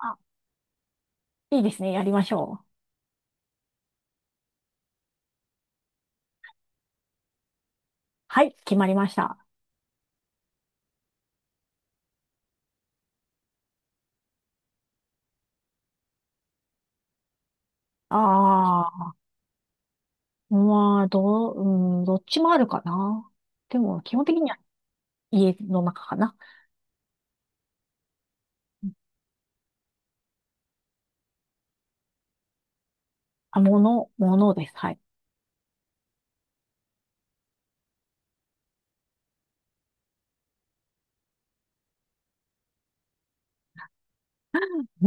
あ、いいですね。やりましょう。はい、決まりました。ああ、まあ、うん、どっちもあるかな。でも、基本的には家の中かな。あ、ものです。はい。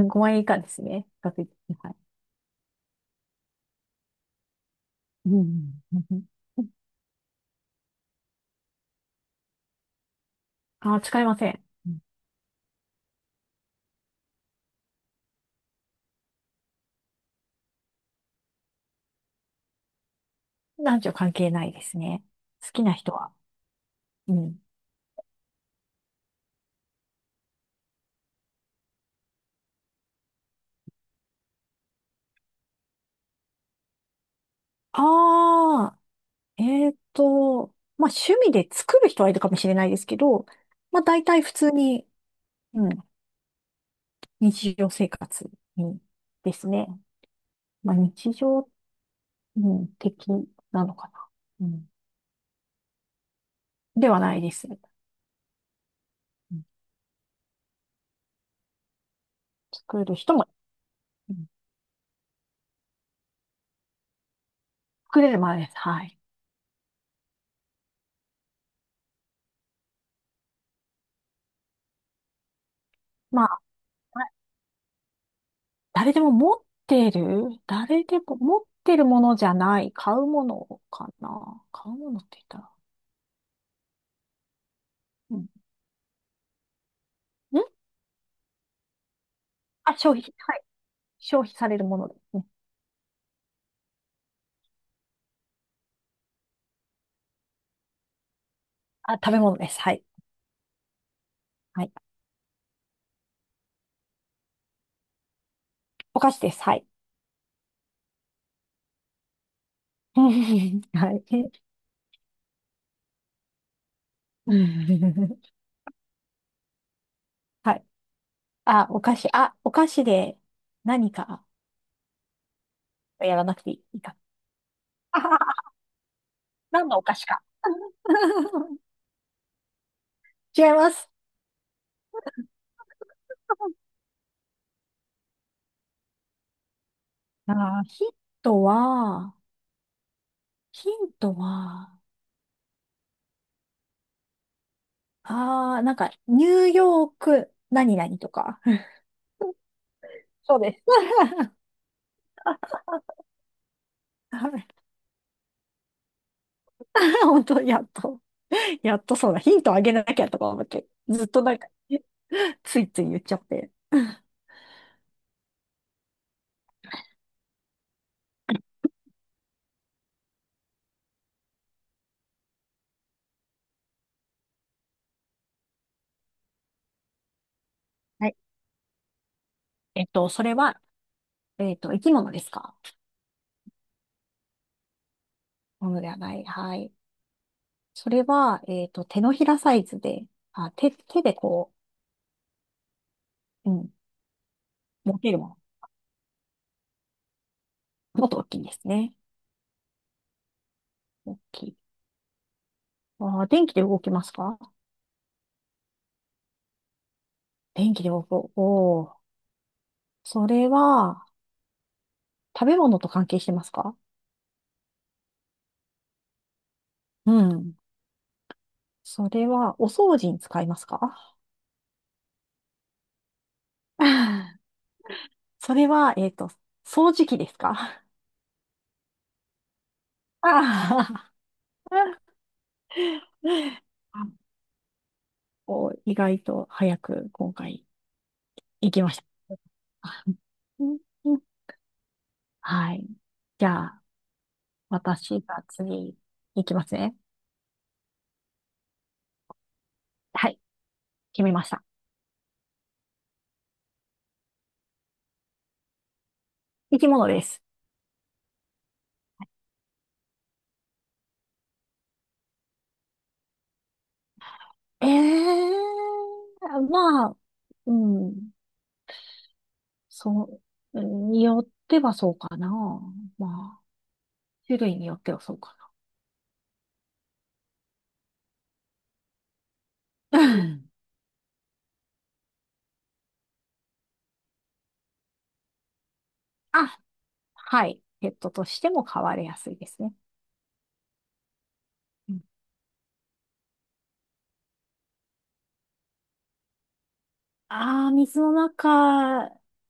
5万円以下ですね。確実にはい。うんうん、あ、使いません。うん。男女関係ないですね。好きな人は。うん。ああ、えっと、まあ、趣味で作る人はいるかもしれないですけど、まあ、大体普通に、うん、日常生活にですね。まあ、日常、うん、的なのかな。うん、ではないです。うん、作る人も、うん、作れるまでです。はい。まあ、誰でも持ってる、誰でも持ってるものじゃない、買うものかな。買うものって言ったら。うん。ん、あ、消費。はい。消費されるものですね。あ、食べ物です。はい。はい。お菓子です。はい。はい。はい。あ、お菓子。あ、お菓子で何かやらなくていいか。あははは、何のお菓子か。違います。あー、ヒントは、ヒントは、なんか、ニューヨーク、何々とか。そうです。はい。 本当、やっとそうだ。ヒントあげなきゃとか思って、ずっとなんか、ついつい言っちゃって。はい。それは、生き物ですか？ものではない。はい。それは、手のひらサイズで、あ、手でこう、うん、持てるもの。もっと大きいんですね。大きい。電気で動きますか？電気で動く。おー。それは、食べ物と関係してますか？うん。それは、お掃除に使いますか？あー、 それは、掃除機ですか？あー、 あ、お、意外と早く今回行きました。あ、うんうん、はい。じゃあ、私が次、いきますね。はい、決めました。生き物です。ええー、まあ、うん、そによってはそうかな。まあ、種類によってはそうかな。うん。 あ、はい。ペットとしても飼われやすいですね。うん。ああ、水の中、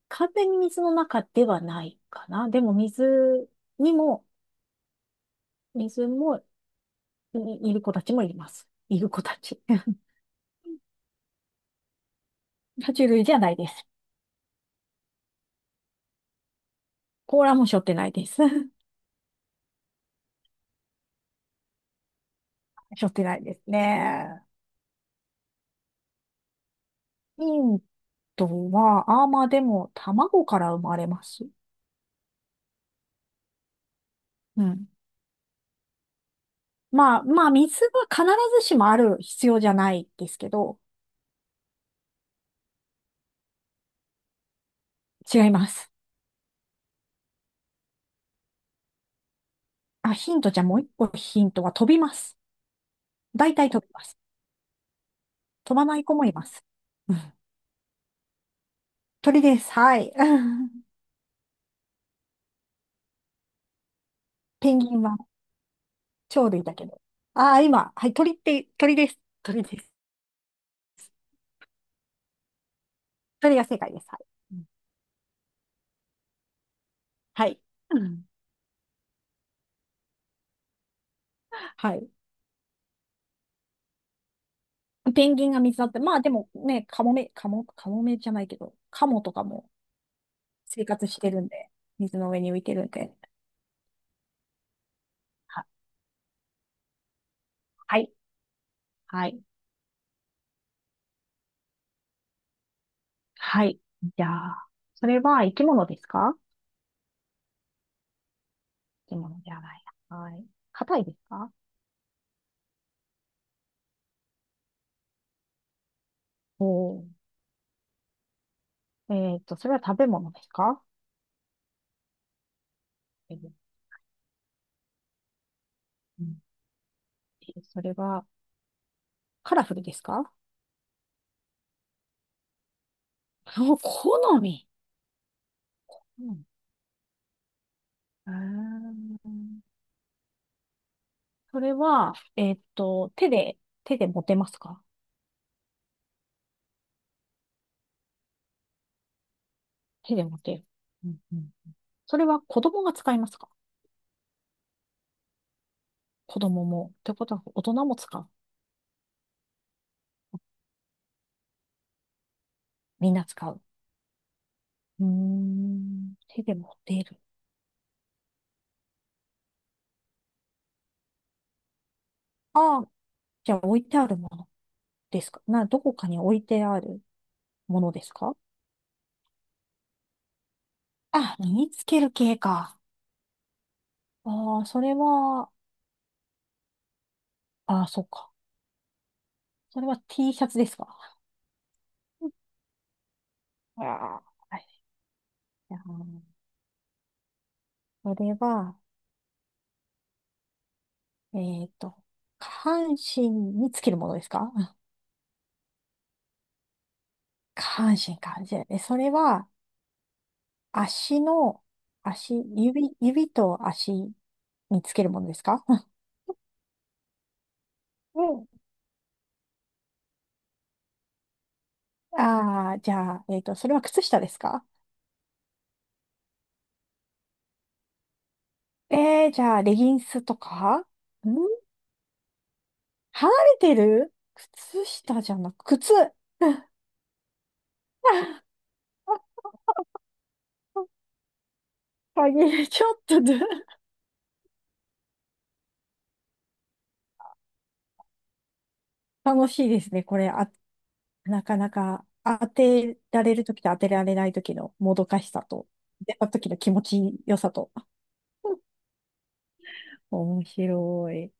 完全に水の中ではないかな。でも水にも、水も、いいる子たちもいます。いる子たち。爬虫類じゃないです。甲羅も背負ってないです。背負ってないですね。ヒントは、まあでも、卵から生まれます。うん。まあ、まあ、水は必ずしもある必要じゃないですけど、違います。あ、ヒントじゃもう一個ヒントは飛びます。大体飛びます。飛ばない子もいます。うん。鳥です。はい。ペンギンは鳥類だけど。ああ、今、はい、鳥って、鳥です。鳥です。鳥が正解です。はい。うん、はい。うん、はい。ペンギンが水だって、まあでもね、カモメ、カモ、カモメじゃないけど、カモとかも生活してるんで、水の上に浮いてるんで。は、はい、はい、はい。じゃあ、それは生き物ですか？生き物ではないな。はい。硬いですか？おー。それは食べ物ですか？食べ物。うん。えー、それはカラフルですか？お、好み。うん。あーそれは、手で持てますか？手で持てる。うんうん、それは子供が使いますか？子供も。ってことは大人も使う。みんな使う。うーん。手で持っている。ああ、じゃあ置いてあるものですかな、どこかに置いてあるものですか？あ、身につける系か。ああ、それは、ああ、そうか。それは T シャツですか？ああ、はい。あーそれは、えっと、下半身につけるものですか？あ、下半身か。じゃあ、それは、足の、足、指と足につけるものですか？ うん。ああ、じゃあ、それは靴下ですか？じゃあ、レギンスとか離れてる靴下じゃなく、靴、鍵、ちょっとで。 楽しいですね。これ、あ、なかなか当てられるときと当てられないときのもどかしさと、当てたときの気持ちよさと。面白い。